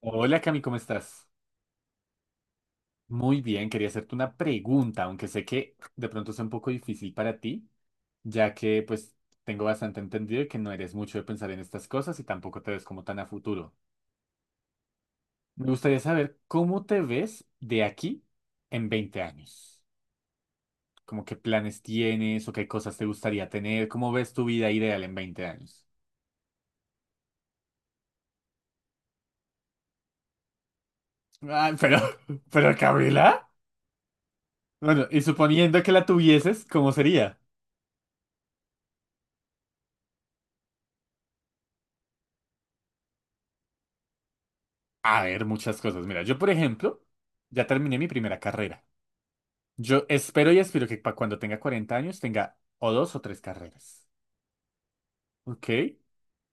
Hola Cami, ¿cómo estás? Muy bien, quería hacerte una pregunta, aunque sé que de pronto es un poco difícil para ti, ya que pues tengo bastante entendido que no eres mucho de pensar en estas cosas y tampoco te ves como tan a futuro. Me gustaría saber cómo te ves de aquí en 20 años. Como qué planes tienes o qué cosas te gustaría tener, cómo ves tu vida ideal en 20 años. Ah, pero, pero Camila, bueno, y suponiendo que la tuvieses, ¿cómo sería? A ver, muchas cosas. Mira, yo, por ejemplo, ya terminé mi primera carrera. Yo espero y aspiro que cuando tenga 40 años tenga o dos o tres carreras. ¿Ok?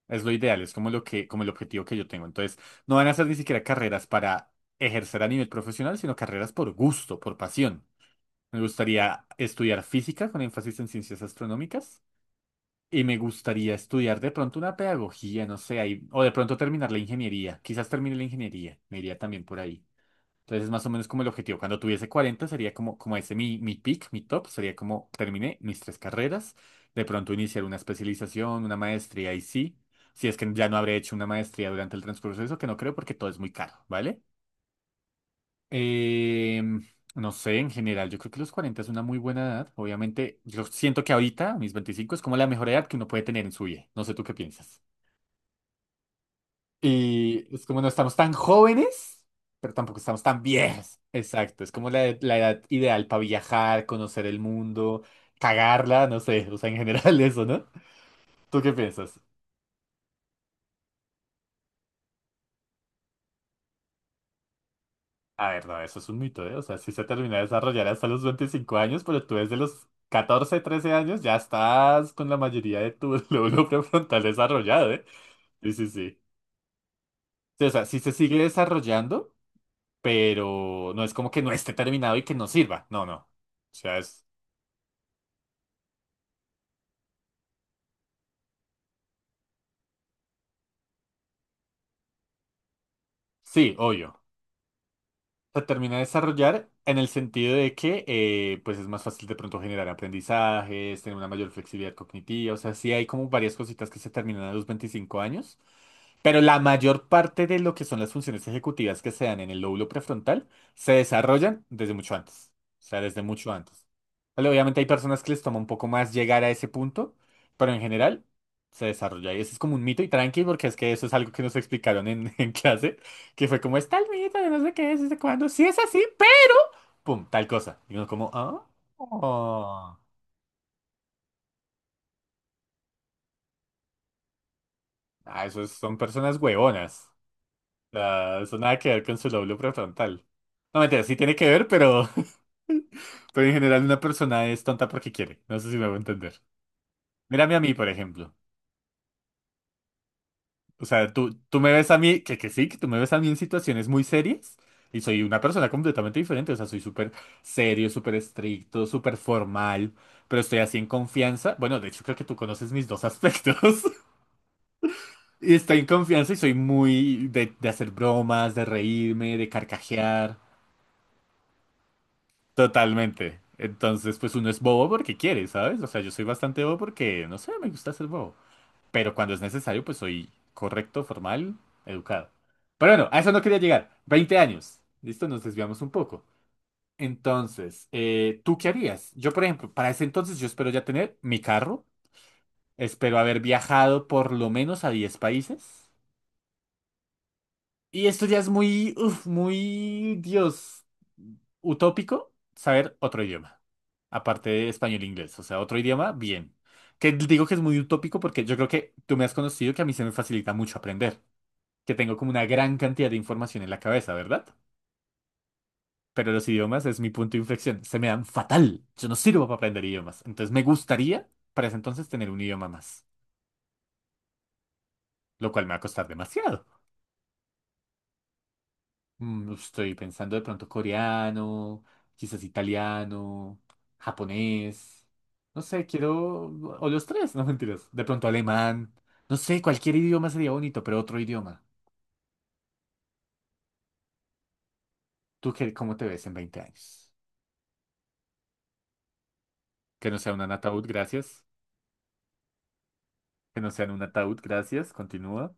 Es lo ideal, es como lo que, como el objetivo que yo tengo. Entonces, no van a ser ni siquiera carreras para ejercer a nivel profesional, sino carreras por gusto, por pasión. Me gustaría estudiar física con énfasis en ciencias astronómicas y me gustaría estudiar de pronto una pedagogía, no sé, o de pronto terminar la ingeniería. Quizás termine la ingeniería, me iría también por ahí. Entonces es más o menos como el objetivo. Cuando tuviese 40 sería como, como ese mi peak, mi top, sería como terminé mis tres carreras, de pronto iniciar una especialización, una maestría y sí, si es que ya no habré hecho una maestría durante el transcurso de eso, que no creo porque todo es muy caro, ¿vale? Em, no sé, en general, yo creo que los 40 es una muy buena edad. Obviamente, yo siento que ahorita, a mis 25 es como la mejor edad que uno puede tener en su vida. No sé tú qué piensas. Y es como no estamos tan jóvenes, pero tampoco estamos tan viejos. Exacto, es como la edad ideal para viajar, conocer el mundo, cagarla, no sé, o sea, en general eso, ¿no? ¿Tú qué piensas? A ver, no, eso es un mito, ¿eh? O sea, sí se termina de desarrollar hasta los 25 años, pero tú desde los 14 13 años ya estás con la mayoría de tu lóbulo prefrontal desarrollado, ¿eh? Sí, sí, sí. Sí, o sea, sí se sigue desarrollando, pero no es como que no esté terminado y que no sirva. No, no. O sea, es. Sí, obvio. Se termina de desarrollar en el sentido de que pues es más fácil de pronto generar aprendizajes, tener una mayor flexibilidad cognitiva, o sea, sí hay como varias cositas que se terminan a los 25 años, pero la mayor parte de lo que son las funciones ejecutivas que se dan en el lóbulo prefrontal se desarrollan desde mucho antes. O sea, desde mucho antes. Vale, obviamente hay personas que les toma un poco más llegar a ese punto, pero en general se desarrolla. Y eso es como un mito y tranqui, porque es que eso es algo que nos explicaron en, en clase, que fue como, está el mito de no sé qué es, desde cuándo. Si es así, pum, tal cosa. Y uno como, ah, oh. Ah, esos son personas huevonas. O sea, eso nada que ver con su lóbulo prefrontal. No, mentira, sí tiene que ver, pero en general una persona es tonta porque quiere. No sé si me voy a entender. Mírame a mí, por ejemplo. O sea, tú me ves a mí, que sí, que tú me ves a mí en situaciones muy serias y soy una persona completamente diferente. O sea, soy súper serio, súper estricto, súper formal, pero estoy así en confianza. Bueno, de hecho creo que tú conoces mis dos aspectos. Y estoy en confianza y soy muy de hacer bromas, de reírme, de carcajear. Totalmente. Entonces, pues uno es bobo porque quiere, ¿sabes? O sea, yo soy bastante bobo porque, no sé, me gusta ser bobo. Pero cuando es necesario, pues soy correcto, formal, educado. Pero bueno, a eso no quería llegar. 20 años. Listo, nos desviamos un poco. Entonces, ¿tú qué harías? Yo, por ejemplo, para ese entonces yo espero ya tener mi carro, espero haber viajado por lo menos a 10 países. Y esto ya es muy, uf, muy, Dios, utópico, saber otro idioma. Aparte de español e inglés, o sea, otro idioma, bien. Que digo que es muy utópico porque yo creo que tú me has conocido que a mí se me facilita mucho aprender. Que tengo como una gran cantidad de información en la cabeza, ¿verdad? Pero los idiomas es mi punto de inflexión. Se me dan fatal. Yo no sirvo para aprender idiomas. Entonces me gustaría para ese entonces tener un idioma más, lo cual me va a costar demasiado. Estoy pensando de pronto coreano, quizás italiano, japonés. No sé, quiero... O los tres, no mentiras. De pronto alemán. No sé, cualquier idioma sería bonito, pero otro idioma. ¿Tú qué, cómo te ves en 20 años? Que no sea un ataúd, gracias. Que no sea en un ataúd, gracias. Continúa.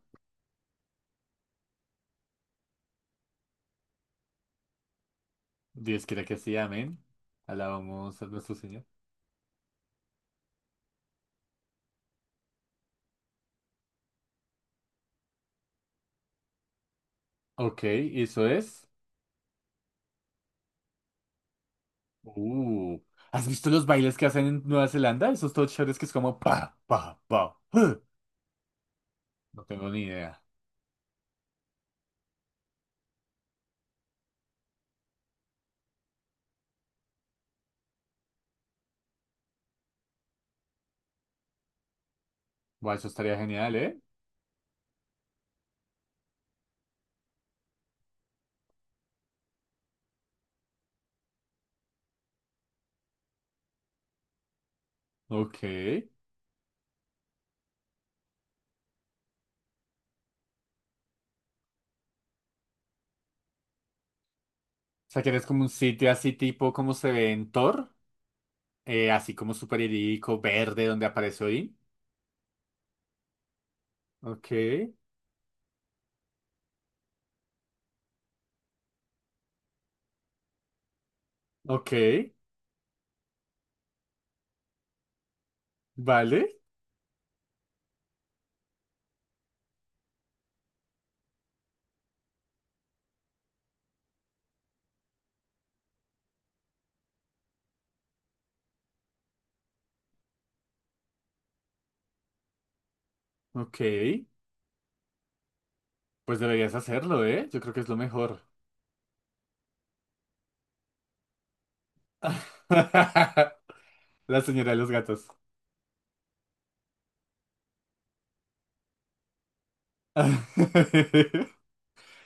Dios quiera que sí, amén. Alabamos a nuestro Señor. Ok, eso es. Uh, ¿Has visto los bailes que hacen en Nueva Zelanda? Esos todos chéveres que es como pa, pa, pa. No tengo ni idea. Buah, eso estaría genial, ¿eh? Ok. O sea, que eres como un sitio así tipo como se ve en Thor, así como super idílico, verde, donde aparece Odín. Ok, ok, vale, ok. Pues deberías hacerlo, ¿eh? Yo creo que es lo mejor. La señora de los gatos.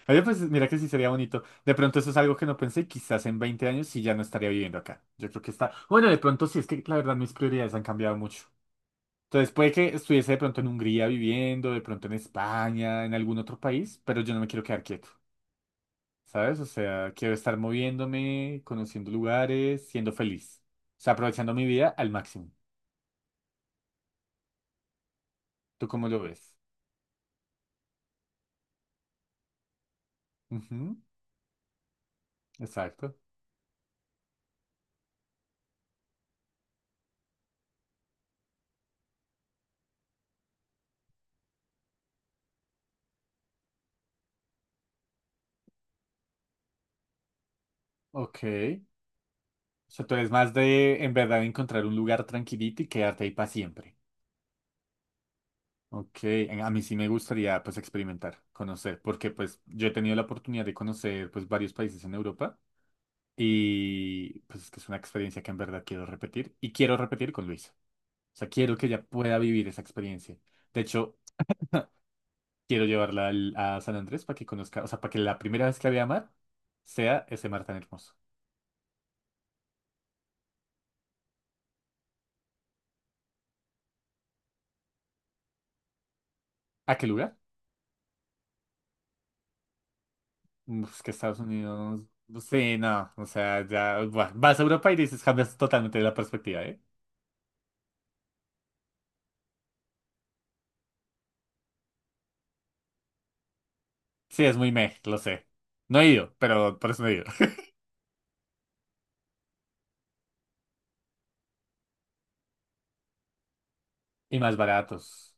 Oye, pues mira que sí sería bonito. De pronto eso es algo que no pensé, quizás en 20 años sí ya no estaría viviendo acá. Yo creo que está... Bueno, de pronto sí, es que la verdad mis prioridades han cambiado mucho. Entonces puede que estuviese de pronto en Hungría viviendo, de pronto en España, en algún otro país, pero yo no me quiero quedar quieto, ¿sabes? O sea, quiero estar moviéndome, conociendo lugares, siendo feliz. O sea, aprovechando mi vida al máximo. ¿Tú cómo lo ves? Ujú, exacto. Ok. O sea, tú eres más de en verdad encontrar un lugar tranquilito y quedarte ahí para siempre. Ok, a mí sí me gustaría pues experimentar, conocer, porque pues yo he tenido la oportunidad de conocer pues varios países en Europa y pues es que es una experiencia que en verdad quiero repetir y quiero repetir con Luisa. O sea, quiero que ella pueda vivir esa experiencia. De hecho, quiero llevarla a San Andrés para que conozca, o sea, para que la primera vez que la vea mar sea ese mar tan hermoso. ¿A qué lugar? Es que Estados Unidos. Sí, no. O sea, ya. Buah, vas a Europa y dices, cambias totalmente la perspectiva, ¿eh? Sí, es muy meh, lo sé. No he ido, pero por eso no he ido. Y más baratos.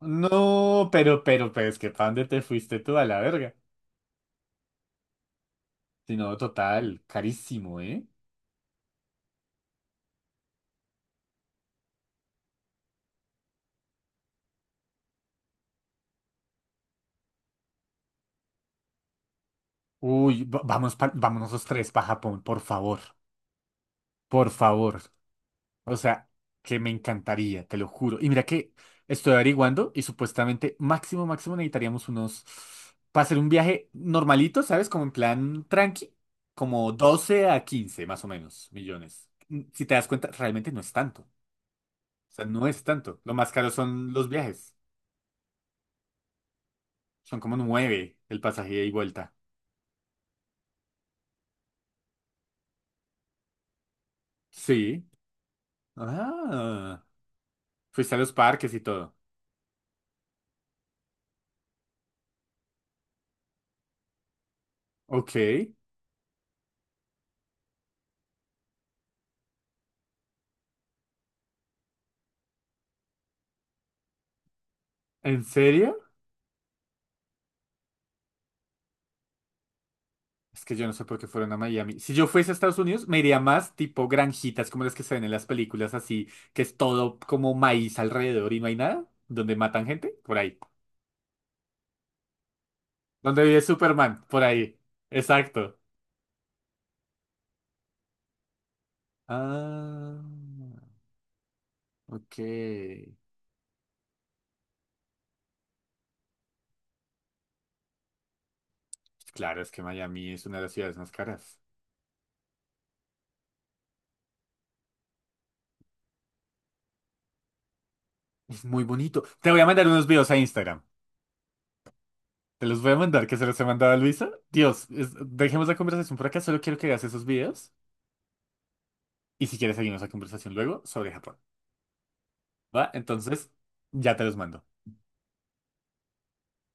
No, pero es que ¿para dónde te fuiste tú a la verga? Si no, total, carísimo, ¿eh? Uy, vámonos los tres para Japón, por favor. Por favor. O sea, que me encantaría, te lo juro. Y mira que estoy averiguando y supuestamente máximo, máximo necesitaríamos unos, para hacer un viaje normalito, ¿sabes? Como en plan tranqui, como 12 a 15 más o menos millones. Si te das cuenta, realmente no es tanto. O sea, no es tanto. Lo más caro son los viajes. Son como 9 el pasaje ida y vuelta. Sí. Ah, fuiste a los parques y todo. Ok. ¿En serio? Es que yo no sé por qué fueron a Miami. Si yo fuese a Estados Unidos, me iría más tipo granjitas como las que se ven en las películas, así, que es todo como maíz alrededor y no hay nada, donde matan gente, por ahí. Donde vive Superman, por ahí. Exacto. Ah, ok. Claro, es que Miami es una de las ciudades más caras. Es muy bonito. Te voy a mandar unos videos a Instagram. Te los voy a mandar, que se los he mandado a Luisa. Dios, dejemos la conversación por acá, solo quiero que hagas esos videos. Y si quieres, seguimos la conversación luego sobre Japón. ¿Va? Entonces, ya te los mando.